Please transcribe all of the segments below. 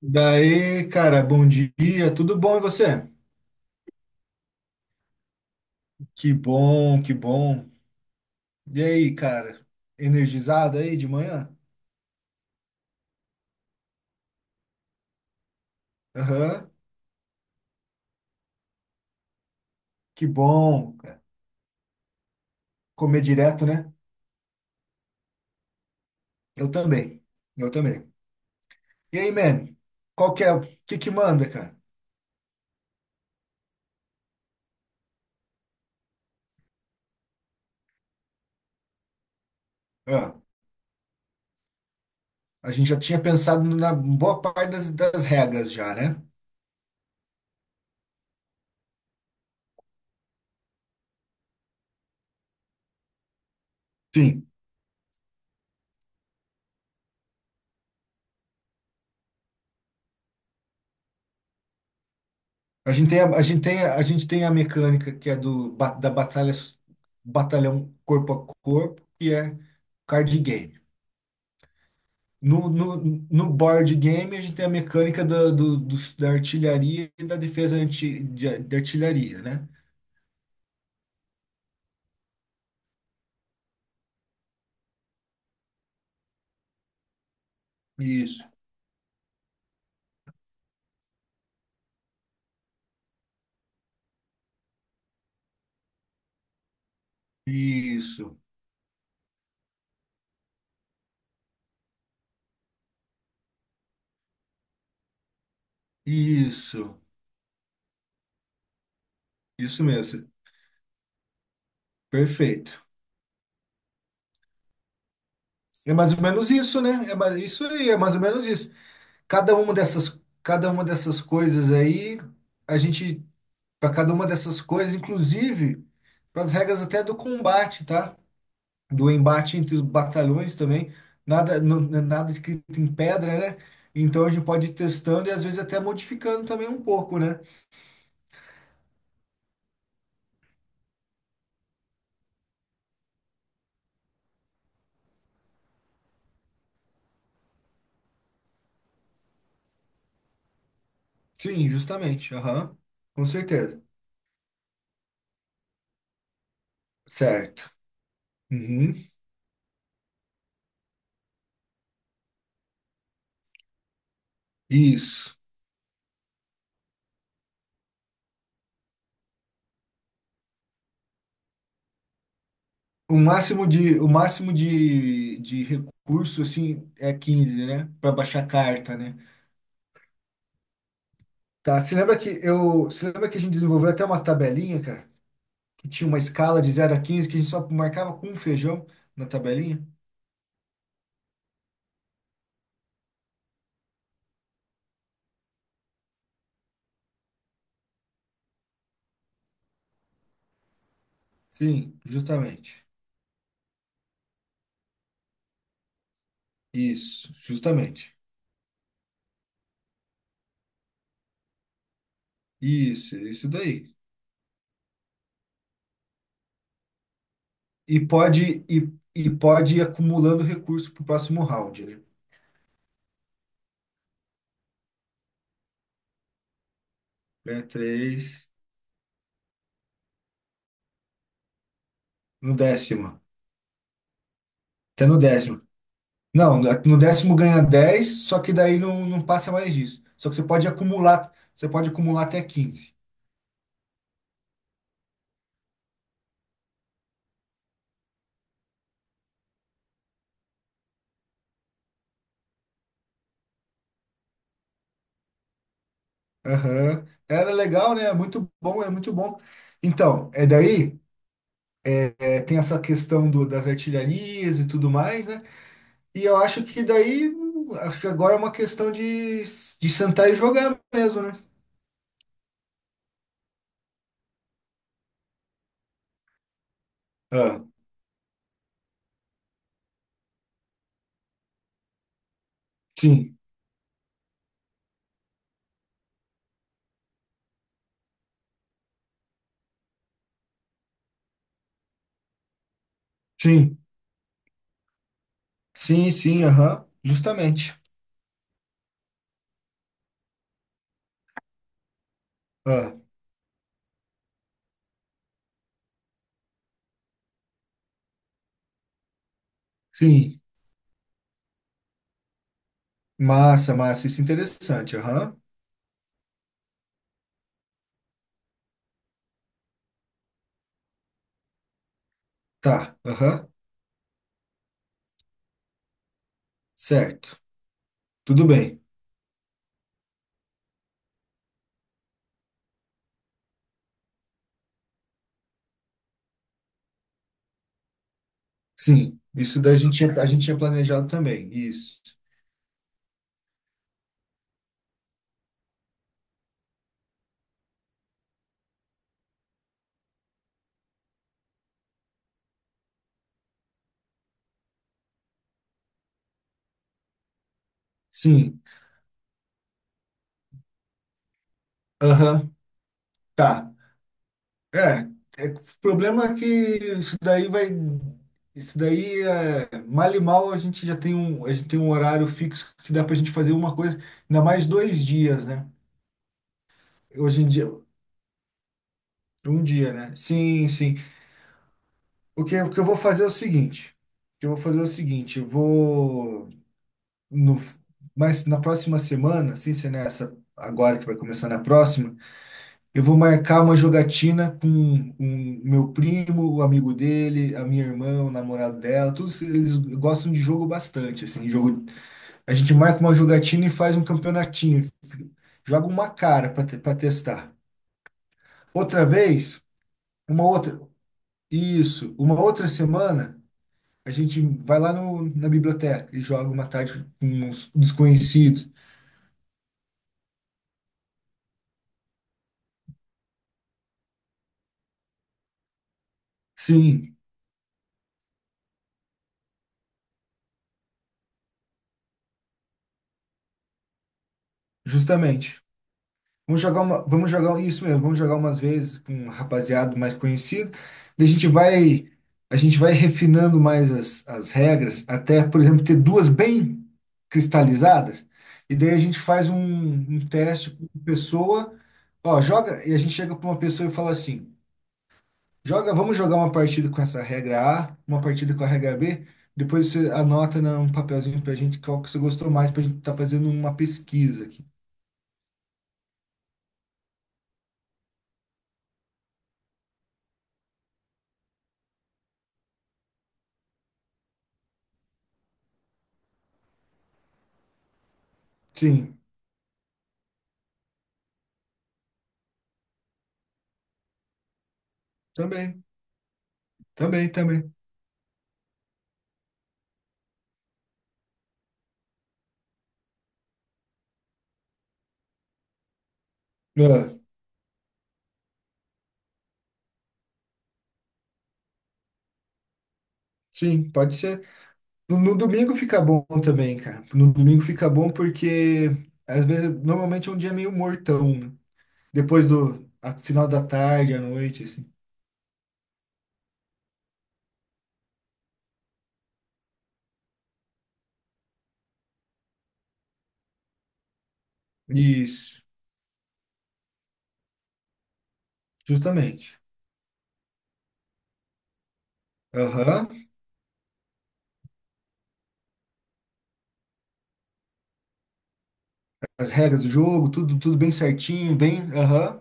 Daí, cara, bom dia, tudo bom e você? Que bom, que bom. E aí, cara, energizado aí de manhã? Aham, que bom, cara. Comer direto, né? Eu também, eu também. E aí, man, qual que é, o que que manda, cara? Ah, a gente já tinha pensado na boa parte das regras já, né? Sim. A gente tem a gente tem a gente tem a mecânica que é do, ba- da batalha, batalhão corpo a corpo, que é card game. No, no, no board game, a gente tem a mecânica da da artilharia e da defesa anti, de artilharia, né? Isso. Isso, isso, isso mesmo. Perfeito. É mais ou menos isso, né? É mais, isso aí, é mais ou menos isso. Cada uma dessas, cada uma dessas coisas aí, a gente, para cada uma dessas coisas, inclusive para as regras até do combate, tá? Do embate entre os batalhões também, nada, não, nada escrito em pedra, né? Então a gente pode ir testando e às vezes até modificando também um pouco, né? Sim, justamente. Aham. Com certeza. Certo. Uhum. Isso. O máximo de recurso, assim, é 15, né? Para baixar carta, né? Tá, você lembra que a gente desenvolveu até uma tabelinha, cara? Que tinha uma escala de 0 a 15 que a gente só marcava com um feijão na tabelinha? Sim, justamente. Isso, justamente. Isso, é isso daí. E pode ir acumulando recurso para o próximo round, né? Ganha três no décimo. Até no décimo. Não, no décimo ganha 10, só que daí não passa mais disso. Só que você pode acumular, até 15. Aham. Era legal, né? É muito bom, é muito bom. Então, é daí, é, tem essa questão do, das artilharias e tudo mais, né? E eu acho que daí, acho que agora é uma questão de sentar e jogar mesmo, né? Ah, sim, sim, sim, sim, aham, justamente. Ah, sim, massa, massa, isso é interessante, aham, tá, aham, certo, tudo bem, sim, isso daí a gente tinha planejado também, isso, sim, aham, tá. É, é, o problema é que isso daí vai. Isso daí é mal e mal a gente tem um horário fixo que dá pra gente fazer uma coisa, ainda mais dois dias, né? Hoje em dia, um dia, né? Sim, sim. O que eu vou fazer é o seguinte. O que eu vou fazer é o seguinte: eu vou no, mas na próxima semana, assim, se nessa agora que vai começar na próxima, eu vou marcar uma jogatina com meu primo, o amigo dele, a minha irmã, o namorado dela, todos eles gostam de jogo bastante, assim, jogo. A gente marca uma jogatina e faz um campeonatinho, joga uma cara para testar. Outra vez, uma outra, isso, uma outra semana, a gente vai lá no, na biblioteca e joga uma tarde com uns desconhecidos. Sim, justamente. Vamos jogar uma, vamos jogar um, isso mesmo, vamos jogar umas vezes com um rapaziada mais conhecido, e a gente vai, a gente vai refinando mais as regras, até, por exemplo, ter duas bem cristalizadas, e daí a gente faz um teste com pessoa, ó, joga, e a gente chega para uma pessoa e fala assim: "Joga, vamos jogar uma partida com essa regra A, uma partida com a regra B, depois você anota num papelzinho pra gente qual que você gostou mais pra gente estar fazendo uma pesquisa aqui". Sim, também, também, também. É, sim, pode ser. No domingo fica bom também, cara. No domingo fica bom porque às vezes normalmente é um dia meio mortão, né? Depois do final da tarde, à noite, assim. Isso, justamente. Aham. As regras do jogo, tudo bem certinho, bem. Aham.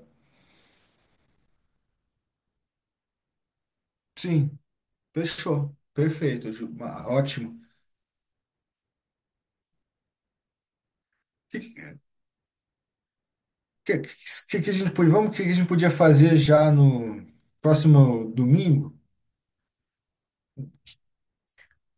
Sim, fechou. Perfeito, Ju. Ah, ótimo. O que, que, que, que a gente, que a gente podia fazer já no próximo domingo?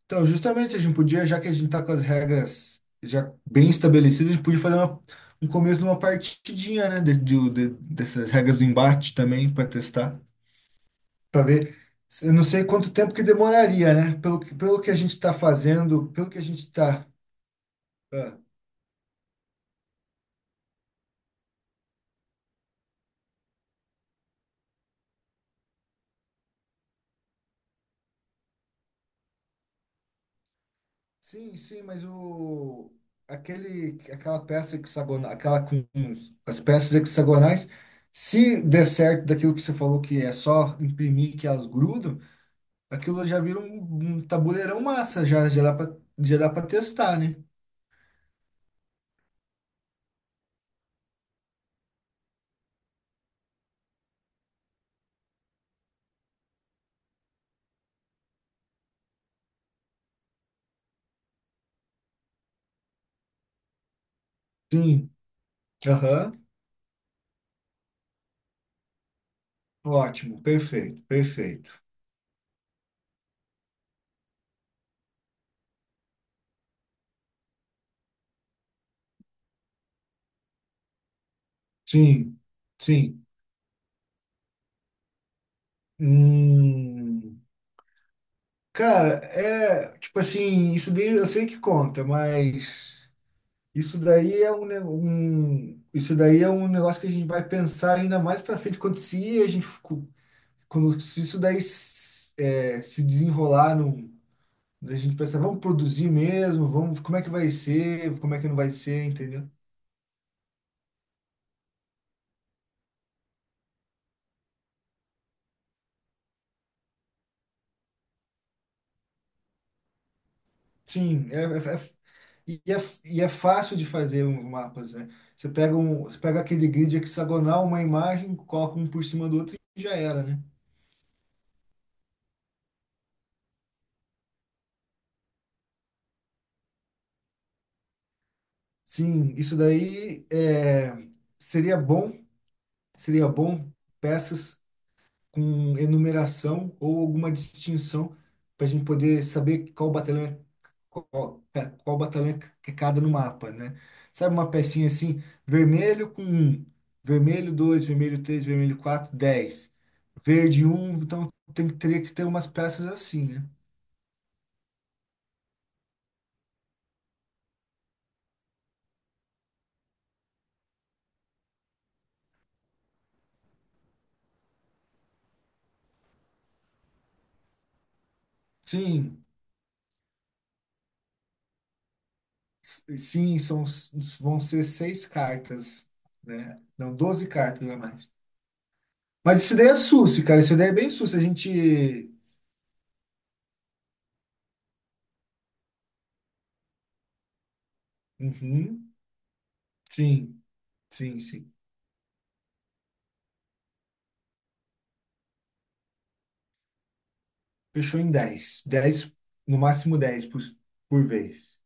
Então, justamente, a gente podia, já que a gente tá com as regras já bem estabelecidas, a gente podia fazer um começo de uma partidinha, né? Dessas regras do embate também, para testar, para ver. Eu não sei quanto tempo que demoraria, né? Pelo, pelo que a gente está fazendo, pelo que a gente está. Sim, sim, mas o aquele aquela peça hexagonal, aquela com as peças hexagonais, se der certo daquilo que você falou que é só imprimir que elas grudam, aquilo já vira um tabuleirão massa, já, já dá pra testar, né? Sim. Aham. Ótimo. Perfeito, perfeito. Sim, sim. Hum, cara, é tipo assim, isso daí eu sei que conta, mas isso daí é um isso daí é um negócio que a gente vai pensar ainda mais pra frente quando se a gente ficou- quando se isso daí se desenrolar. A gente pensa, vamos produzir mesmo, vamos, como é que vai ser, como é que não vai ser, entendeu? Sim, e, é, é fácil de fazer os mapas, né? Você pega aquele grid hexagonal, uma imagem, coloca um por cima do outro e já era, né? Sim, isso daí seria bom, seria bom peças com enumeração ou alguma distinção para a gente poder saber qual batalhão é, qual batalhão é que cada no mapa, né? Sabe uma pecinha assim, vermelho com um, vermelho 2, vermelho 3, vermelho quatro, 10, verde um, então tem que teria que ter umas peças assim, né? Sim, sim, são, vão ser seis cartas, né? Não, 12 cartas a mais. Mas isso daí é susse, cara. Isso daí é bem susse. A gente. Uhum, sim. Sim, sim. Fechou em dez, no máximo 10 por vez.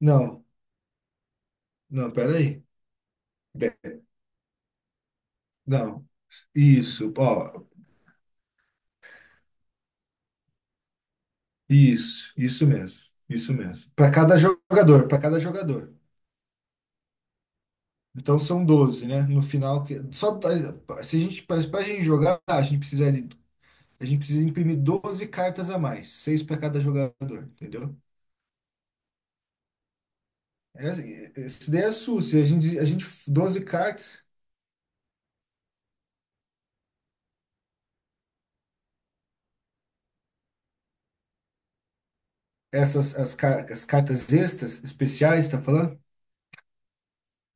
Não, não, peraí. De- Não, isso, ó, isso mesmo, isso mesmo. Para cada jogador, para cada jogador. Então são 12, né? No final, que só se a gente, para a gente jogar, a gente precisa imprimir 12 cartas a mais, seis para cada jogador, entendeu? É, é, isso daí é SUS. A gente, 12 cartas. Essas as as cartas extras, especiais, está falando?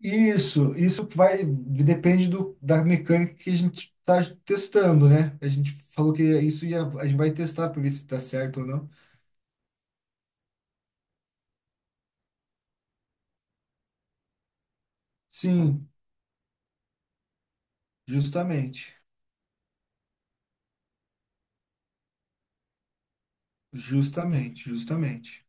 Isso vai, depende da mecânica que a gente está testando, né? A gente falou que isso ia, a gente vai testar para ver se está certo ou não. Sim, justamente, justamente, justamente.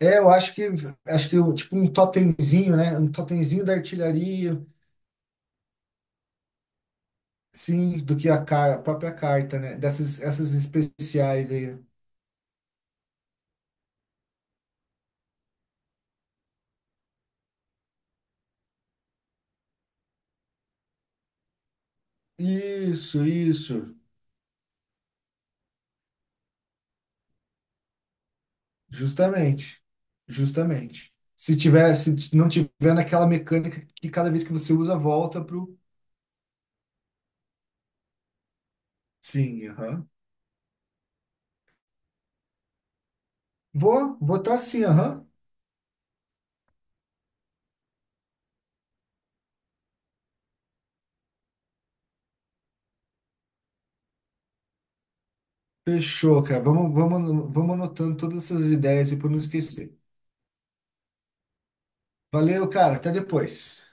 É, eu acho que eu- tipo um totemzinho, né? Um totemzinho da artilharia, sim, do que a própria carta, né? Dessas essas especiais aí. Né? Isso, isso. Justamente, justamente. Se tiver, se t- Não tiver naquela mecânica que cada vez que você usa, volta pro. Sim, aham. Vou botar assim, aham. Fechou, cara. Vamos anotando todas essas ideias e para não esquecer. Valeu, cara. Até depois.